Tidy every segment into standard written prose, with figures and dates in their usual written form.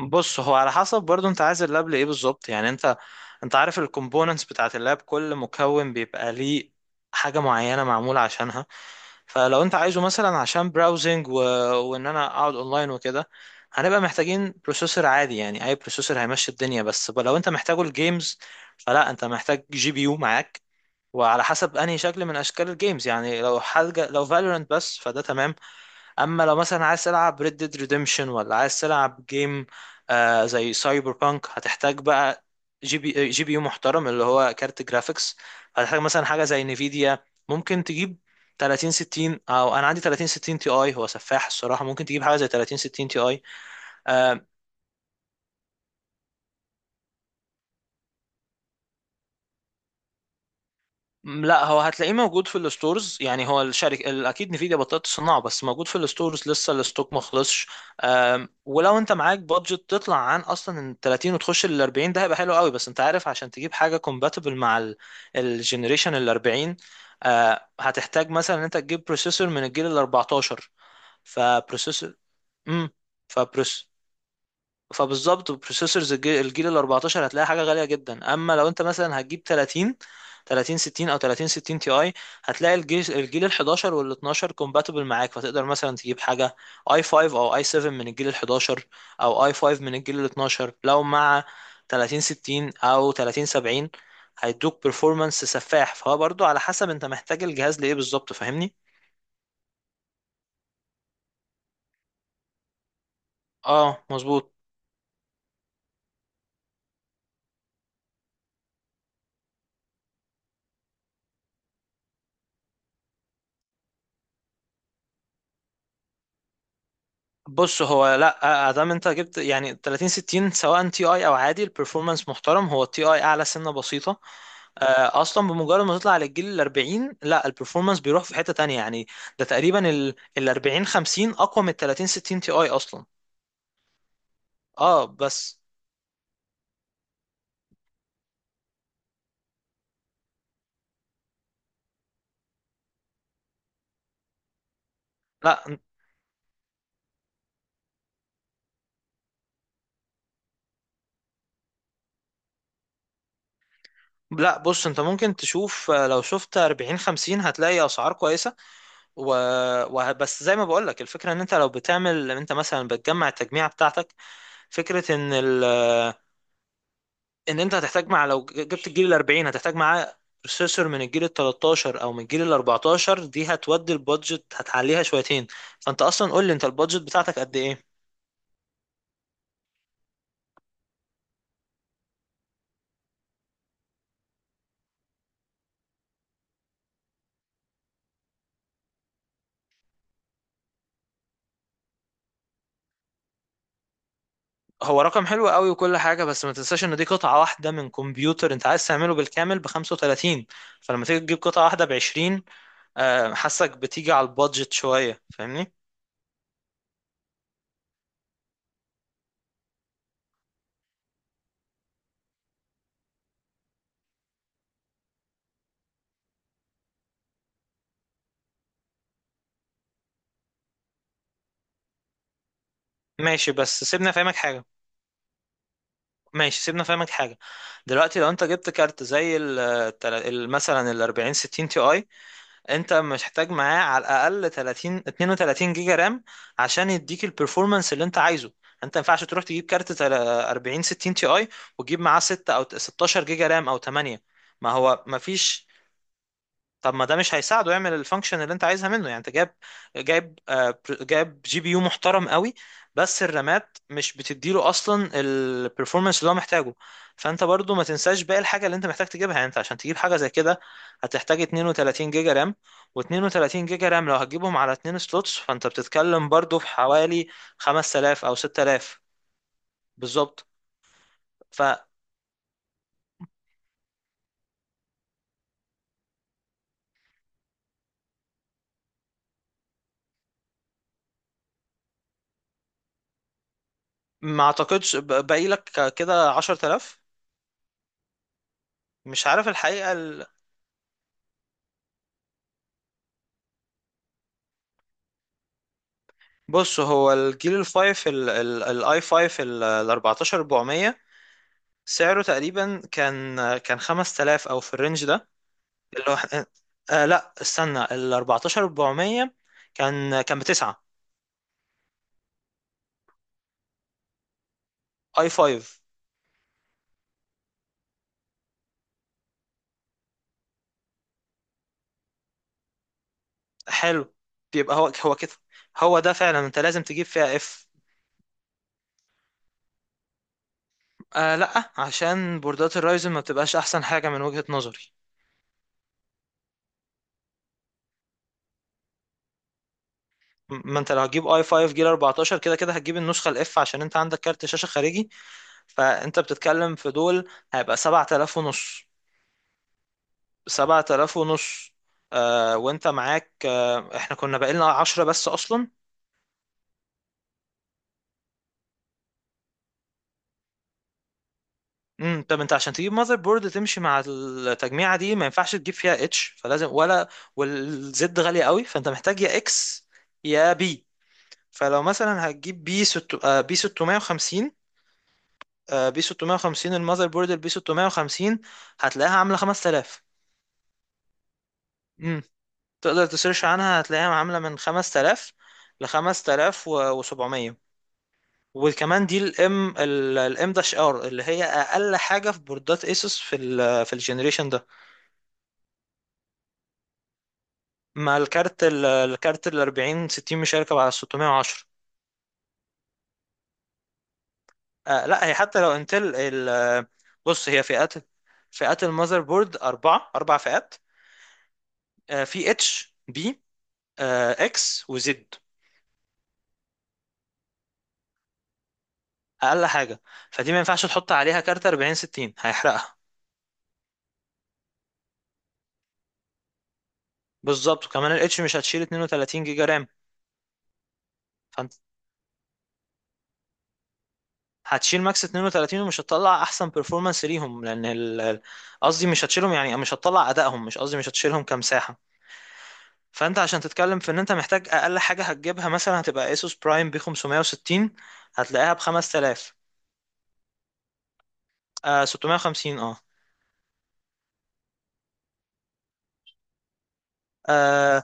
بص، هو على حسب برضو انت عايز اللاب لايه بالظبط؟ يعني انت عارف الكومبوننتس بتاعت اللاب، كل مكون بيبقى ليه حاجة معينة معمولة عشانها. فلو انت عايزه مثلا عشان براوزنج وان انا اقعد اونلاين وكده، هنبقى محتاجين بروسيسور عادي، يعني اي بروسيسور هيمشي الدنيا. بس لو انت محتاجه الجيمز، فلا انت محتاج جي بي يو معاك. وعلى حسب انهي شكل من اشكال الجيمز، يعني لو حاجة لو فالورنت بس، فده تمام. اما لو مثلا عايز تلعب Red Dead Redemption ولا عايز تلعب جيم زي سايبر بانك، هتحتاج بقى جي بي يو محترم اللي هو كارت جرافيكس. هتحتاج مثلا حاجه زي نفيديا. ممكن تجيب 30 60، او انا عندي 30 60 تي اي، هو سفاح الصراحه. ممكن تجيب حاجه زي 30 60 تي اي. لا، هو هتلاقيه موجود في الستورز. يعني هو اكيد نفيديا بطلت تصنعه، بس موجود في الستورز لسه، الستوك ما خلصش. ولو انت معاك بادجت تطلع عن اصلا ال 30 وتخش لل 40، ده هيبقى حلو قوي. بس انت عارف عشان تجيب حاجه compatible مع الجنريشن ال 40، هتحتاج مثلا ان انت تجيب بروسيسور من الجيل ال 14. فبروسيسور امم فبالظبط بروسيسورز الجيل ال 14 هتلاقي حاجه غاليه جدا. اما لو انت مثلا هتجيب 30 30 60 او 30 60 تي اي، هتلاقي الجيل ال 11 وال 12 كومباتبل معاك. فتقدر مثلا تجيب حاجه اي 5 او اي 7 من الجيل ال 11، او اي 5 من الجيل ال 12. لو مع 30 60 او 30 70 هيدوك performance سفاح. فهو برضو على حسب انت محتاج الجهاز لايه بالظبط، فاهمني؟ اه، مظبوط. بص، هو لا ادام انت جبت يعني 30 60 سواء تي اي او عادي، البرفورمانس محترم. هو التي اي اعلى سنه بسيطه. اصلا بمجرد ما تطلع للجيل ال 40، لا البرفورمانس بيروح في حته تانية يعني. ده تقريبا ال 40 50 اقوى من ال 30 60 تي اي اصلا. اه بس. لا، لا، بص انت ممكن تشوف، لو شفت 40 50 هتلاقي اسعار كويسه، و... بس زي ما بقول لك، الفكره ان انت لو بتعمل، انت مثلا بتجمع التجميعه بتاعتك، فكره ان انت هتحتاج، مع لو جبت الجيل ال 40 هتحتاج معاه بروسيسور من الجيل ال 13 او من الجيل ال 14، دي هتودي البادجت هتعليها شويتين. فانت اصلا قول لي انت البادجت بتاعتك قد ايه. هو رقم حلو قوي وكل حاجه، بس ما تنساش ان دي قطعه واحده من كمبيوتر انت عايز تعمله بالكامل ب 35. فلما تيجي تجيب قطعه واحده ب 20، حاسك بتيجي على البادجت شويه، فاهمني؟ ماشي بس سيبنا فاهمك حاجه ماشي، سيبنا فاهمك حاجه. دلوقتي لو انت جبت كارت زي مثلا ال 40 60 تي اي، انت محتاج معاه على الاقل 30 32 جيجا رام عشان يديك البرفورمانس اللي انت عايزه. انت ما ينفعش تروح تجيب كارت 40 60 تي اي وتجيب معاه 6 او 16 جيجا رام او 8، ما هو ما فيش. طب ما ده مش هيساعده يعمل الفانكشن اللي انت عايزها منه. يعني انت جايب جايب جي بي يو محترم قوي، بس الرامات مش بتديله اصلا البرفورمانس اللي هو محتاجه. فانت برضو ما تنساش باقي الحاجه اللي انت محتاج تجيبها. يعني انت عشان تجيب حاجه زي كده، هتحتاج 32 جيجا رام. و32 جيجا رام لو هتجيبهم على اتنين سلوتس، فانت بتتكلم برضو في حوالي 5000 او 6000. بالظبط. فما اعتقدش باقي لك كده 10,000. مش عارف الحقيقه. بص، هو الجيل الفايف الاي فايف ال 14 400، سعره تقريبا كان 5000 او في الرينج ده. اللي هو إحنا- آه لا، استنى، ال 14 400 كان بتسعة. اي 5؟ حلو. بيبقى هو هو كده. هو ده فعلا انت لازم تجيب فيها اف. آه لا، عشان بوردات الرايزن ما بتبقاش احسن حاجة من وجهة نظري. ما انت لو هتجيب اي 5 جيل 14، كده كده هتجيب النسخة الاف عشان انت عندك كارت شاشة خارجي. فانت بتتكلم في دول، هيبقى 7000 ونص. 7000 ونص، وانت معاك، احنا كنا باقي لنا 10 بس اصلا. امم. طب انت عشان تجيب ماذر بورد تمشي مع التجميعه دي، ما ينفعش تجيب فيها اتش، فلازم ولا، والزد غاليه قوي، فانت محتاج يا اكس يا بي. فلو مثلا هتجيب بي 650، آه، بي 650، الماذر بورد البي 650 هتلاقيها عامله 5000. تقدر تسيرش عنها، هتلاقيها عاملة من 5000 ل 5700. وكمان دي الام داش ار اللي هي اقل حاجه في بوردات ايسوس في ال في الجنريشن ده. مع الكارت ال 40 60 مش هيركب على 610. آه لا، هي حتى لو انتل بص، هي فئات. فئات المذر بورد اربع فئات، في اتش، بي، اكس، وزد. اقل حاجه فدي ما ينفعش تحط عليها كارت 40 60، هيحرقها. بالظبط. وكمان الاتش مش هتشيل 32 جيجا رام، فانت هتشيل ماكس 32 ومش هتطلع احسن performance ليهم، لان قصدي مش هتشيلهم يعني مش هتطلع ادائهم، مش قصدي مش هتشيلهم كمساحه. فانت عشان تتكلم في ان انت محتاج اقل حاجه هتجيبها، مثلا هتبقى اسوس برايم ب 560، هتلاقيها ب 5000، آه، 650 اه، آه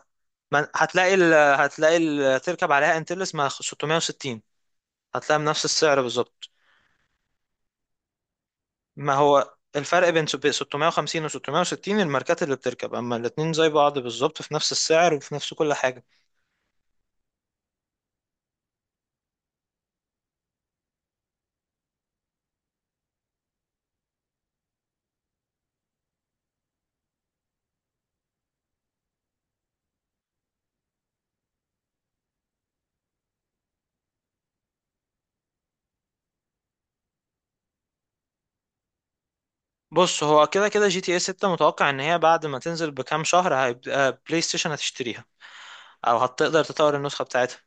ما- هتلاقي ال هتلاقي ال تركب عليها انتلس مع 660، هتلاقيها بنفس السعر بالظبط. ما هو الفرق بين 650 و 660 الماركات اللي بتركب، اما الاتنين زي بعض بالظبط في نفس السعر وفي نفس كل حاجة. بص، هو كده كده جي تي اي 6 متوقع ان هي بعد ما تنزل بكام شهر هيبقى بلاي ستيشن هتشتريها، او هتقدر تطور النسخة بتاعتها.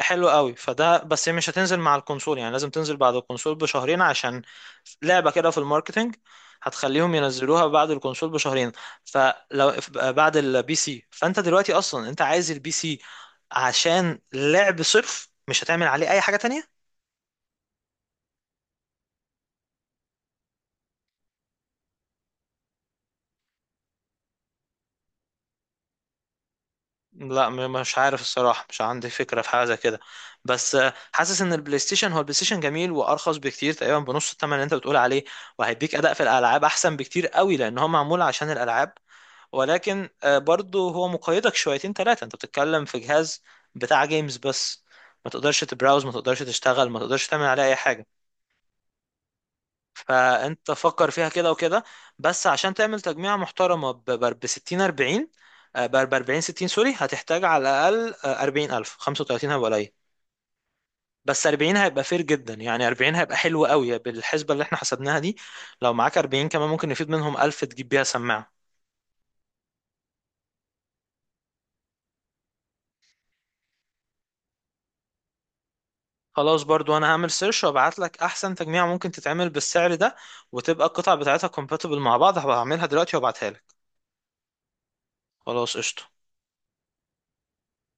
حلو قوي. فده بس هي مش هتنزل مع الكونسول، يعني لازم تنزل بعد الكونسول بشهرين عشان لعبة كده في الماركتينج هتخليهم ينزلوها بعد الكونسول بشهرين. فلو بعد البي سي، فانت دلوقتي اصلا انت عايز البي سي عشان لعب صرف، مش هتعمل عليه اي حاجة تانية. لا مش عارف الصراحة، مش عندي فكرة في حاجة زي كده. بس حاسس ان البلاي ستيشن هو البلاي ستيشن جميل وارخص بكتير، تقريبا بنص الثمن اللي انت بتقول عليه. وهيديك اداء في الالعاب احسن بكتير قوي، لان هو معمول عشان الالعاب. ولكن برضه هو مقيدك شويتين ثلاثة، انت بتتكلم في جهاز بتاع جيمز بس. ما تقدرش تبراوز، ما تقدرش تشتغل، ما تقدرش تعمل عليه اي حاجة. فانت فكر فيها كده وكده. بس عشان تعمل تجميعة محترمة ب 60 40، ب 40 60 سوري، هتحتاج على الاقل 40,000. 35 هيبقى قليل، بس 40 هيبقى فير جدا. يعني 40 هيبقى حلو قوي بالحسبة اللي احنا حسبناها دي. لو معاك 40 كمان، ممكن يفيد منهم 1000 تجيب بيها سماعة. خلاص، برضو انا هعمل سيرش وابعت لك احسن تجميع ممكن تتعمل بالسعر ده، وتبقى القطع بتاعتها compatible مع بعض. هبقى هعملها دلوقتي وابعتها لك. خلاص قشطة.